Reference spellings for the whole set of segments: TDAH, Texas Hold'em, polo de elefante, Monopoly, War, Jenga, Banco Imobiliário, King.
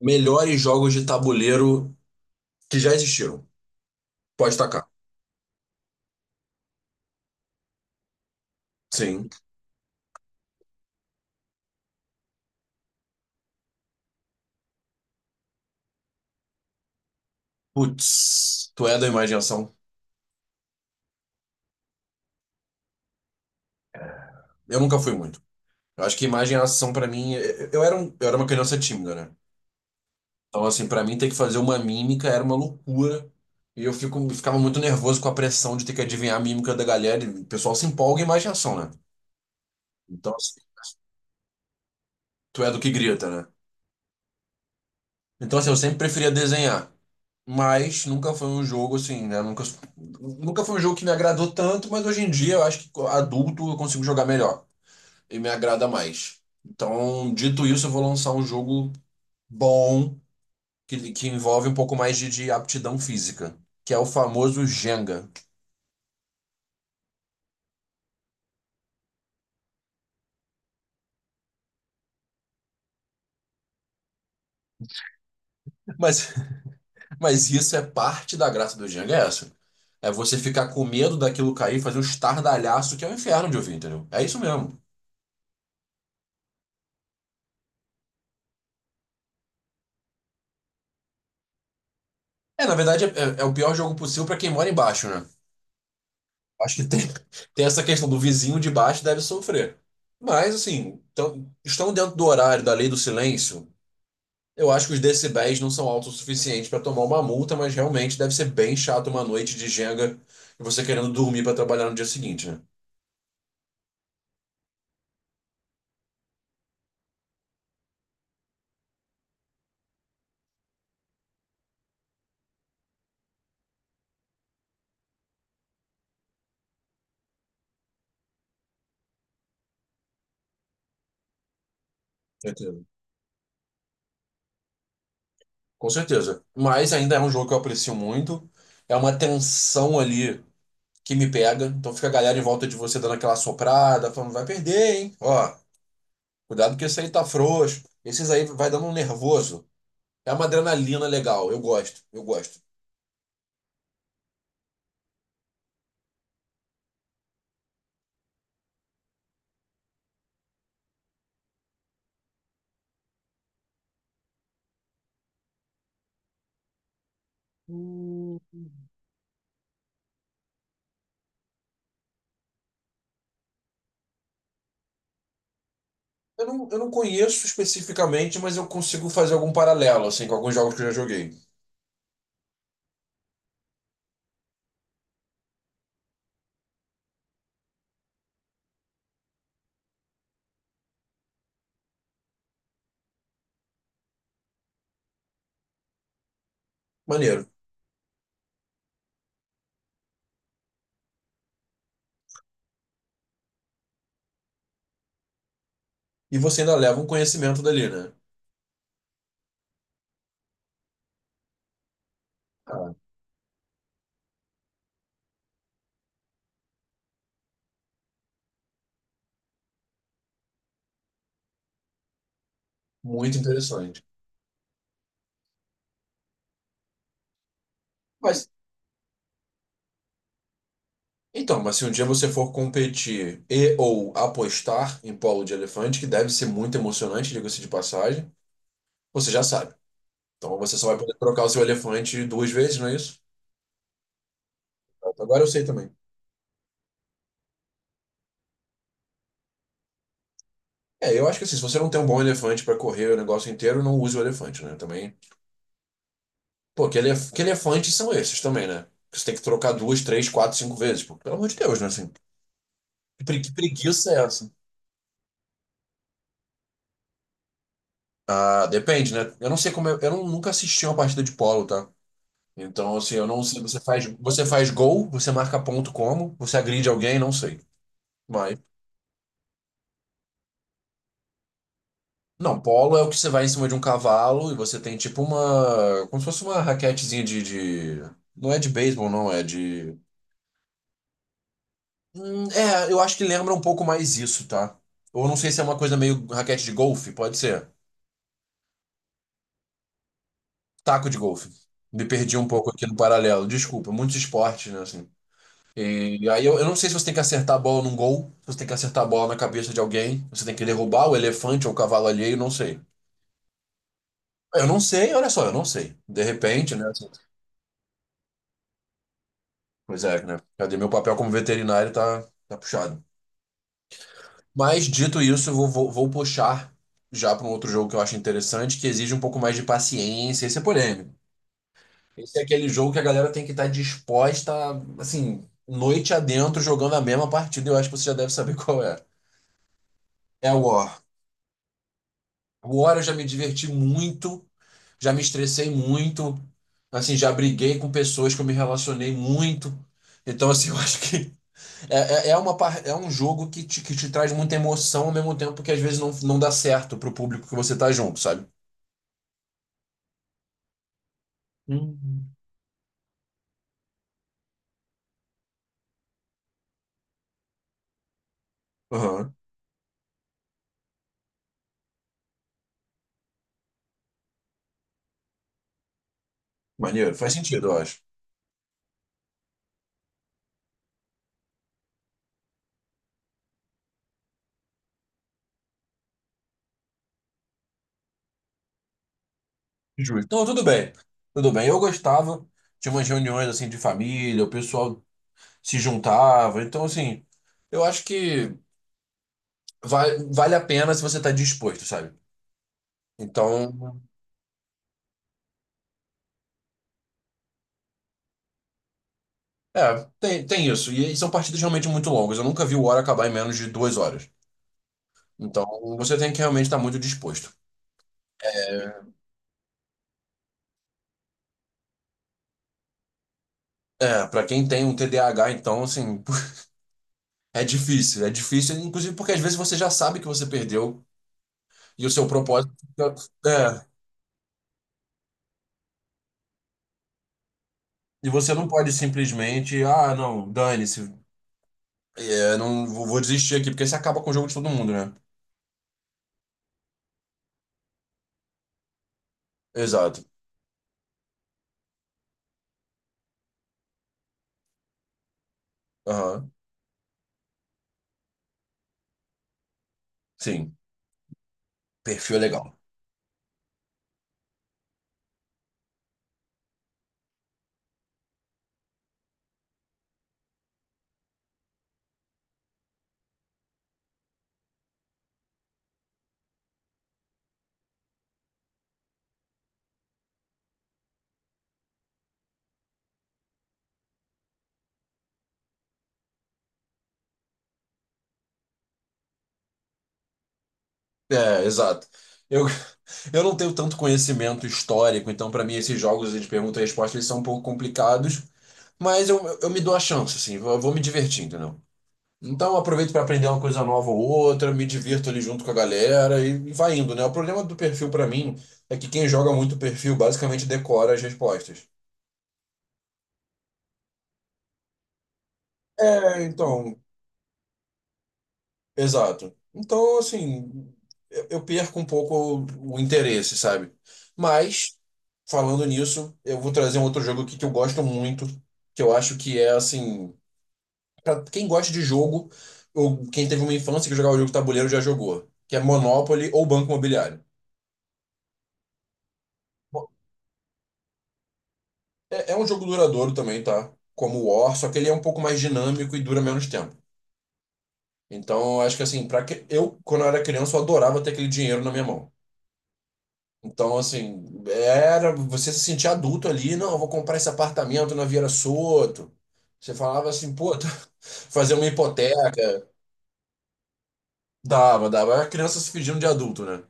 Melhores jogos de tabuleiro que já existiram. Pode tacar. Sim. Putz, tu é da imaginação. Eu nunca fui muito. Eu acho que imagem e ação pra mim, eu era uma criança tímida, né? Então assim, pra mim ter que fazer uma mímica era uma loucura. E eu ficava muito nervoso com a pressão de ter que adivinhar a mímica da galera. E o pessoal se empolga em imagem e ação, né? Então, assim, tu é do que grita, né? Então, assim, eu sempre preferia desenhar. Mas nunca foi um jogo assim, né? Nunca foi um jogo que me agradou tanto, mas hoje em dia eu acho que adulto eu consigo jogar melhor e me agrada mais. Então, dito isso, eu vou lançar um jogo bom que envolve um pouco mais de aptidão física, que é o famoso Jenga. Mas, mas isso é parte da graça do Jenga, é essa. É você ficar com medo daquilo cair, fazer um estardalhaço que é o inferno de ouvir, entendeu? É isso mesmo. É, na verdade, é o pior jogo possível para quem mora embaixo, né? Acho que tem, tem essa questão do vizinho de baixo deve sofrer. Mas, assim, estão dentro do horário da lei do silêncio. Eu acho que os decibéis não são altos o suficiente para tomar uma multa, mas realmente deve ser bem chato uma noite de Jenga e você querendo dormir para trabalhar no dia seguinte, né? Certeza. Com certeza. Mas ainda é um jogo que eu aprecio muito. É uma tensão ali que me pega. Então fica a galera em volta de você dando aquela soprada, falando: vai perder, hein? Ó. Cuidado que esse aí tá frouxo. Esses aí vai dando um nervoso. É uma adrenalina legal. Eu gosto, eu gosto. Eu não conheço especificamente, mas eu consigo fazer algum paralelo, assim, com alguns jogos que eu já joguei. Maneiro. E você ainda leva um conhecimento dali, né? Ah, muito interessante. Mas, mas se um dia você for competir e ou apostar em polo de elefante, que deve ser muito emocionante, diga-se de passagem, você já sabe. Então você só vai poder trocar o seu elefante duas vezes, não é isso? Agora eu sei também. É, eu acho que assim, se você não tem um bom elefante pra correr o negócio inteiro, não use o elefante, né? Também. Pô, que elefantes são esses também, né? Que você tem que trocar duas, três, quatro, cinco vezes. Pô, pelo amor de Deus, né? Assim, que preguiça é essa? Ah, depende, né? Eu não sei como. Eu não- nunca assisti uma partida de polo, tá? Então, assim, eu não sei. você faz, gol, você marca ponto como, você agride alguém, não sei. Mas. Não, polo é o que você vai em cima de um cavalo e você tem tipo uma. Como se fosse uma raquetezinha de. Não é de beisebol, não, é de. É, eu acho que lembra um pouco mais isso, tá? Ou não sei se é uma coisa meio raquete de golfe, pode ser. Taco de golfe. Me perdi um pouco aqui no paralelo. Desculpa, muitos esportes, né, assim. E aí eu não sei se você tem que acertar a bola num gol, se você tem que acertar a bola na cabeça de alguém, você tem que derrubar o elefante ou o cavalo alheio, não sei. Eu não sei, olha só, eu não sei. De repente, né? Assim, pois é, né? Cadê meu papel como veterinário, tá puxado. Mas dito isso, eu vou puxar já para um outro jogo que eu acho interessante, que exige um pouco mais de paciência. Esse é polêmico. Esse é aquele jogo que a galera tem que estar disposta, assim, noite adentro, jogando a mesma partida. Eu acho que você já deve saber qual é. É o War. O War eu já me diverti muito, já me estressei muito, assim, já briguei com pessoas que eu me relacionei muito. Então, assim, eu acho que é um jogo que te traz muita emoção ao mesmo tempo que às vezes não, não dá certo pro público que você tá junto, sabe? Uhum. Aham. Maneiro, faz sentido, eu acho. Justo. Então, tudo bem. Tudo bem. Eu gostava, tinha umas reuniões assim de família, o pessoal se juntava. Então, assim, eu acho que vale a pena se você tá disposto, sabe? Então, é, tem isso. E são partidas realmente muito longas. Eu nunca vi o War acabar em menos de duas horas. Então, você tem que realmente estar muito disposto. É, pra quem tem um TDAH, então, assim, é difícil. É difícil, inclusive porque às vezes você já sabe que você perdeu e o seu propósito fica- É, e você não pode simplesmente: ah, não, dane-se, é, não vou desistir aqui, porque você acaba com o jogo de todo mundo, né? Exato. Aham, sim. Perfil é legal. É, exato. Eu, eu não tenho tanto conhecimento histórico, então para mim esses jogos de pergunta e resposta eles são um pouco complicados, mas eu me dou a chance, assim, eu vou me divertindo. Então, eu aproveito para aprender uma coisa nova ou outra, me divirto ali junto com a galera e vai indo, né? O problema do perfil para mim é que quem joga muito perfil basicamente decora as respostas. É, então, exato. Então, assim, eu perco um pouco o interesse, sabe? Mas, falando nisso, eu vou trazer um outro jogo aqui que eu gosto muito, que eu acho que é, assim, para quem gosta de jogo, ou quem teve uma infância que jogava jogo de tabuleiro já jogou, que é Monopoly ou Banco Imobiliário. É, é um jogo duradouro também, tá? Como o War, só que ele é um pouco mais dinâmico e dura menos tempo. Então, eu acho que assim, para que eu quando eu era criança, eu adorava ter aquele dinheiro na minha mão. Então, assim, era você se sentir adulto ali: não, eu vou comprar esse apartamento na Vieira Soto. Você falava assim, pô, fazer uma hipoteca, dava, dava. Era criança se fingindo de adulto, né?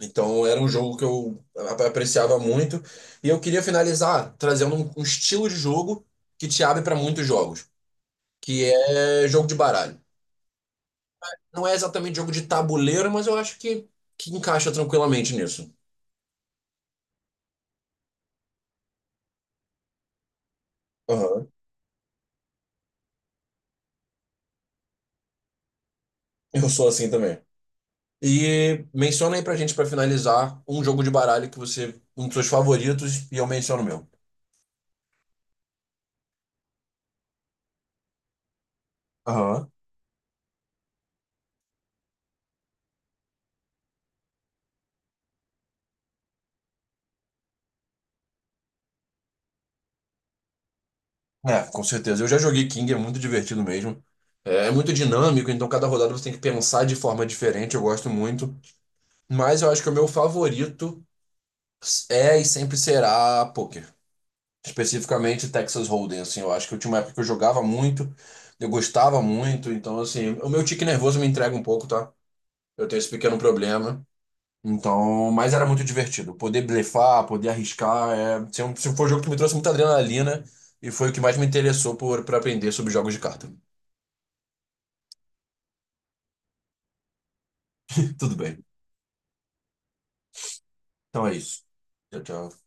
Então, era um jogo que eu apreciava muito. E eu queria finalizar trazendo um, estilo de jogo que te abre para muitos jogos, que é jogo de baralho. Não é exatamente jogo de tabuleiro, mas eu acho que encaixa tranquilamente nisso. Aham. Eu sou assim também. E menciona aí pra gente, pra finalizar, um jogo de baralho que você, um dos seus favoritos, e eu menciono o meu. Aham. É, com certeza. Eu já joguei King, é muito divertido mesmo. É, é muito dinâmico, então cada rodada você tem que pensar de forma diferente, eu gosto muito. Mas eu acho que o meu favorito é e sempre será poker, especificamente Texas Hold'em, assim, eu acho que eu tinha uma época que eu jogava muito, eu gostava muito, então assim, o meu tique nervoso me entrega um pouco, tá? Eu tenho esse pequeno problema. Então, mas era muito divertido. Poder blefar, poder arriscar, é, se foi um jogo que me trouxe muita adrenalina e foi o que mais me interessou por para aprender sobre jogos de carta. Tudo bem. Então é isso. Tchau, tchau.